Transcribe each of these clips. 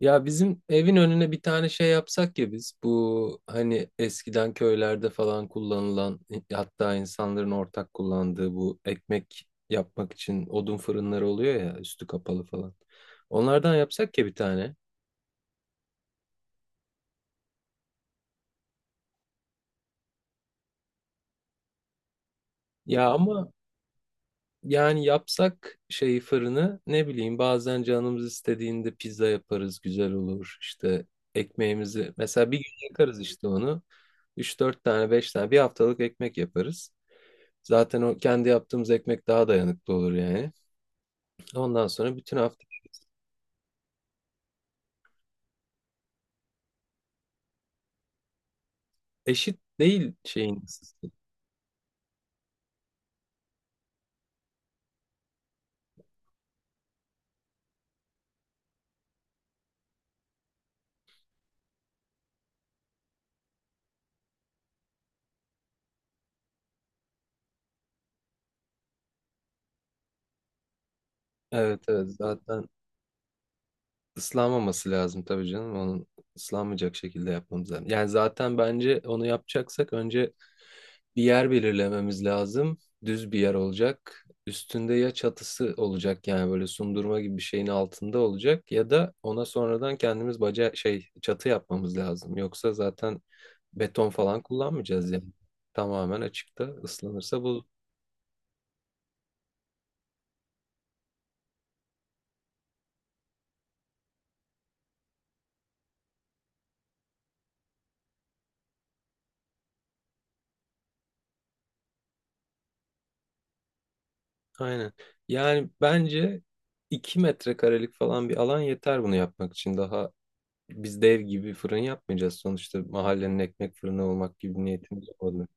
Ya bizim evin önüne bir tane şey yapsak ya, biz bu hani eskiden köylerde falan kullanılan, hatta insanların ortak kullandığı bu ekmek yapmak için odun fırınları oluyor ya, üstü kapalı falan. Onlardan yapsak ya bir tane. Ya ama yani yapsak şeyi, fırını, ne bileyim, bazen canımız istediğinde pizza yaparız, güzel olur işte, ekmeğimizi mesela bir gün yakarız işte, onu üç dört tane, 5 tane, bir haftalık ekmek yaparız. Zaten o kendi yaptığımız ekmek daha dayanıklı olur yani. Ondan sonra bütün hafta eşit değil şeyin ısısı. Evet evet, zaten ıslanmaması lazım tabii canım. Onun ıslanmayacak şekilde yapmamız lazım. Yani zaten bence onu yapacaksak önce bir yer belirlememiz lazım. Düz bir yer olacak. Üstünde ya çatısı olacak, yani böyle sundurma gibi bir şeyin altında olacak, ya da ona sonradan kendimiz baca, şey, çatı yapmamız lazım. Yoksa zaten beton falan kullanmayacağız yani. Tamamen açıkta ıslanırsa bu. Aynen. Yani bence 2 metrekarelik falan bir alan yeter bunu yapmak için. Daha biz dev gibi fırın yapmayacağız. Sonuçta mahallenin ekmek fırını olmak gibi niyetimiz olmadı.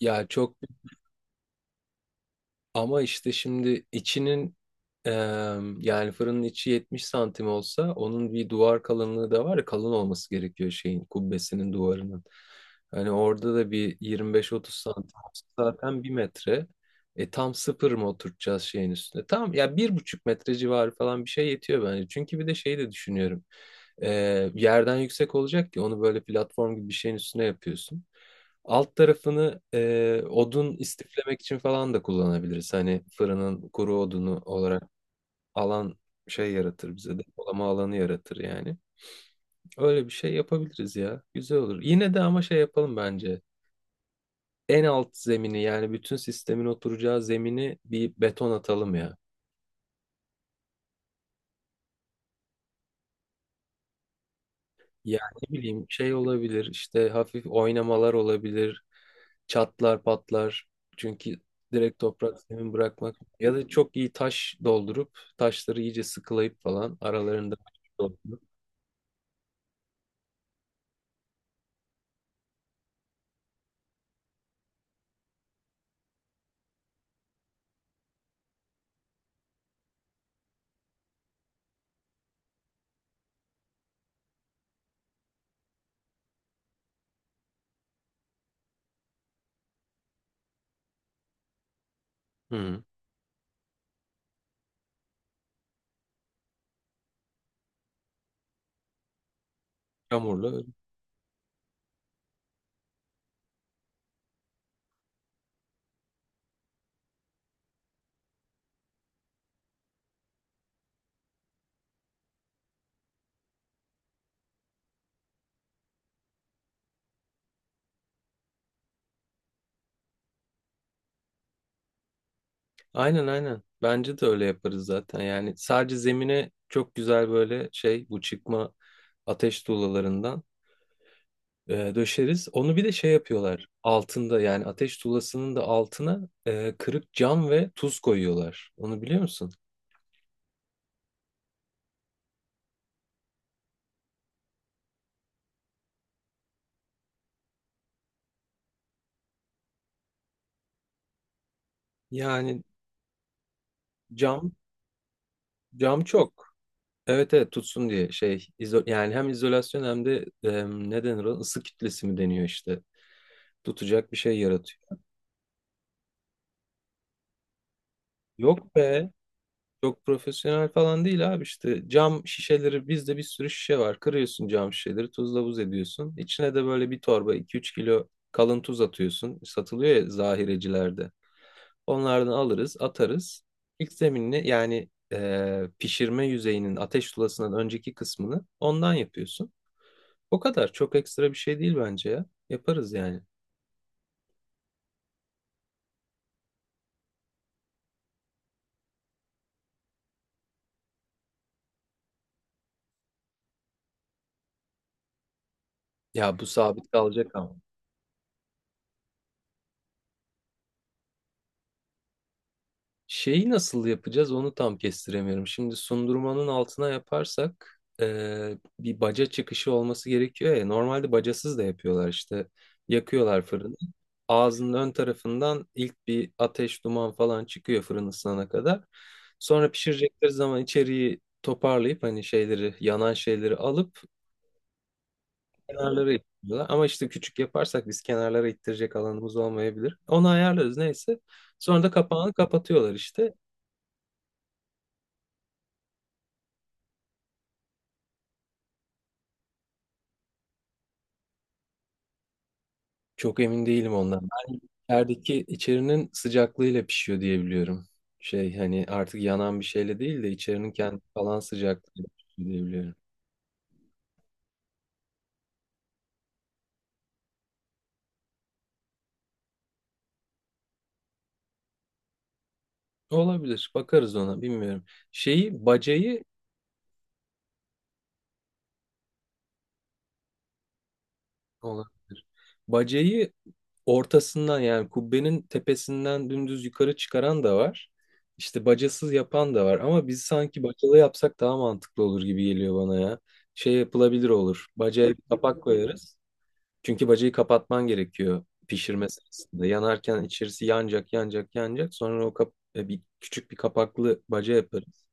Ya çok Ama işte şimdi içinin eee, yani fırının içi 70 santim olsa, onun bir duvar kalınlığı da var ya, kalın olması gerekiyor şeyin kubbesinin duvarının. Hani orada da bir 25-30 santim olsa, zaten bir metre. E tam sıfır mı oturtacağız şeyin üstüne? Tam ya 1,5 metre civarı falan bir şey yetiyor bence. Çünkü bir de şeyi de düşünüyorum. Yerden yüksek olacak ki, onu böyle platform gibi bir şeyin üstüne yapıyorsun. Alt tarafını odun istiflemek için falan da kullanabiliriz. Hani fırının kuru odunu olarak alan şey yaratır, bize depolama alanı yaratır yani. Öyle bir şey yapabiliriz ya. Güzel olur. Yine de ama şey yapalım bence. En alt zemini, yani bütün sistemin oturacağı zemini bir beton atalım ya. Yani ne bileyim, şey olabilir işte, hafif oynamalar olabilir. Çatlar patlar. Çünkü direkt toprak zemin bırakmak. Ya da çok iyi taş doldurup, taşları iyice sıkılayıp falan aralarında doldurup. Hı. Çamurlu. Aynen aynen. Bence de öyle yaparız zaten. Yani sadece zemine çok güzel böyle şey, bu çıkma ateş tuğlalarından döşeriz. Onu bir de şey yapıyorlar. Altında, yani ateş tuğlasının da altına kırık cam ve tuz koyuyorlar. Onu biliyor musun? Yani cam, cam çok. Evet evet, tutsun diye şey, izo, yani hem izolasyon hem de ne denir ona, ısı kütlesi mi deniyor işte, tutacak bir şey yaratıyor. Yok be, çok profesyonel falan değil abi, işte cam şişeleri, bizde bir sürü şişe var, kırıyorsun cam şişeleri, tuzla buz ediyorsun. İçine de böyle bir torba, iki üç kilo kalın tuz atıyorsun, satılıyor ya zahirecilerde, onlardan alırız atarız. İlk zeminini, yani pişirme yüzeyinin ateş tulasından önceki kısmını ondan yapıyorsun. O kadar çok ekstra bir şey değil bence ya. Yaparız yani. Ya bu sabit kalacak ama. Şeyi nasıl yapacağız onu tam kestiremiyorum. Şimdi sundurmanın altına yaparsak bir baca çıkışı olması gerekiyor ya. Normalde bacasız da yapıyorlar işte. Yakıyorlar fırını. Ağzının ön tarafından ilk bir ateş, duman falan çıkıyor fırın ısınana kadar. Sonra pişirecekleri zaman içeriği toparlayıp, hani şeyleri, yanan şeyleri alıp kenarlara ittiriyorlar. Ama işte küçük yaparsak biz kenarlara ittirecek alanımız olmayabilir. Onu ayarlarız neyse. Sonra da kapağını kapatıyorlar işte. Çok emin değilim ondan. İçerideki içerinin sıcaklığıyla pişiyor diye biliyorum. Şey, hani artık yanan bir şeyle değil de içerinin kendi falan sıcaklığıyla pişiyor diye biliyorum. Olabilir. Bakarız ona, bilmiyorum. Şeyi bacayı Olabilir. Bacayı ortasından, yani kubbenin tepesinden dümdüz yukarı çıkaran da var. İşte bacasız yapan da var. Ama biz sanki bacalı yapsak daha mantıklı olur gibi geliyor bana ya. Şey yapılabilir olur. Bacaya bir kapak koyarız. Çünkü bacayı kapatman gerekiyor pişirme sırasında. Yanarken içerisi yanacak, yanacak, yanacak. Sonra o kap, bir küçük, bir kapaklı baca yaparız.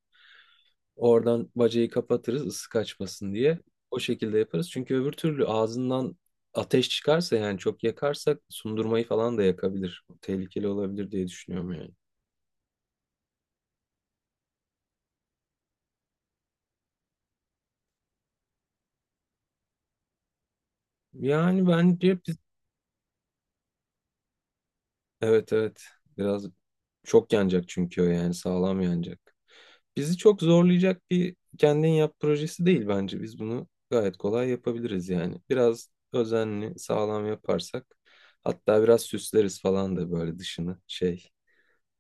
Oradan bacayı kapatırız ısı kaçmasın diye. O şekilde yaparız. Çünkü öbür türlü ağzından ateş çıkarsa, yani çok yakarsak sundurmayı falan da yakabilir. Tehlikeli olabilir diye düşünüyorum yani. Yani bence biz... Evet evet. Biraz çok yanacak çünkü o, yani sağlam yanacak. Bizi çok zorlayacak bir kendin yap projesi değil bence. Biz bunu gayet kolay yapabiliriz yani. Biraz özenli, sağlam yaparsak, hatta biraz süsleriz falan da, böyle dışını şey,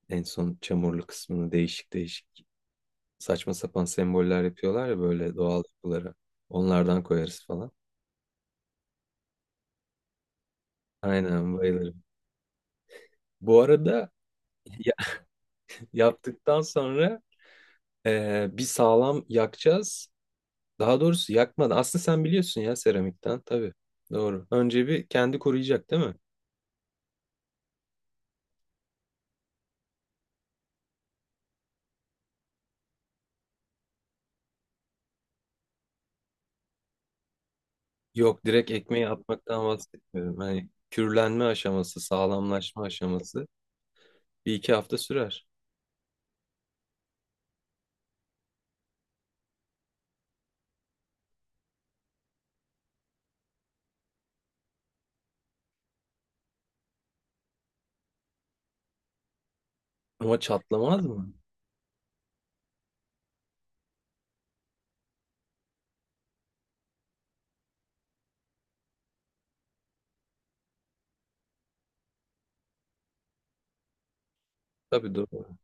en son çamurlu kısmını değişik değişik, saçma sapan semboller yapıyorlar ya böyle doğal yapılara. Onlardan koyarız falan. Aynen bayılırım. Bu arada ya- yaptıktan sonra bir sağlam yakacağız. Daha doğrusu yakmadan. Aslında sen biliyorsun ya, seramikten tabii. Doğru. Önce bir kendi koruyacak değil mi? Yok, direkt ekmeği atmaktan bahsetmiyorum. Hani kürlenme aşaması, sağlamlaşma aşaması bir iki hafta sürer. Ama çatlamaz mı? Tabii doğru.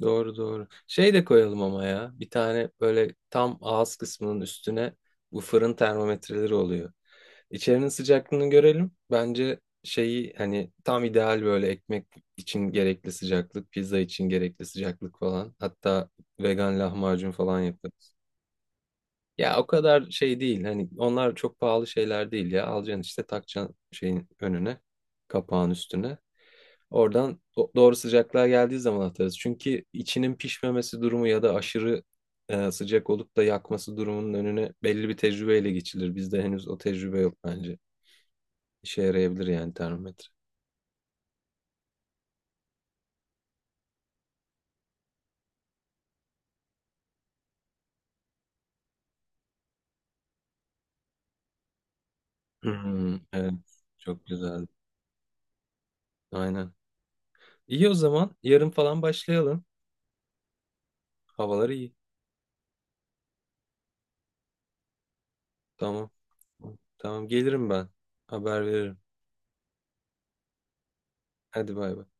Doğru doğru. Şey de koyalım ama ya. Bir tane böyle tam ağız kısmının üstüne, bu fırın termometreleri oluyor. İçerinin sıcaklığını görelim. Bence şeyi, hani tam ideal böyle ekmek için gerekli sıcaklık, pizza için gerekli sıcaklık falan. Hatta vegan lahmacun falan yaparız. Ya o kadar şey değil. Hani onlar çok pahalı şeyler değil ya. Alacaksın işte, takacaksın şeyin önüne, kapağın üstüne. Oradan doğru sıcaklığa geldiği zaman atarız. Çünkü içinin pişmemesi durumu, ya da aşırı sıcak olup da yakması durumunun önüne belli bir tecrübeyle geçilir. Bizde henüz o tecrübe yok bence. İşe yarayabilir yani termometre. Hmm, evet. Çok güzel. Aynen. İyi o zaman. Yarın falan başlayalım. Havalar iyi. Tamam. Tamam gelirim ben. Haber veririm. Hadi bay bay.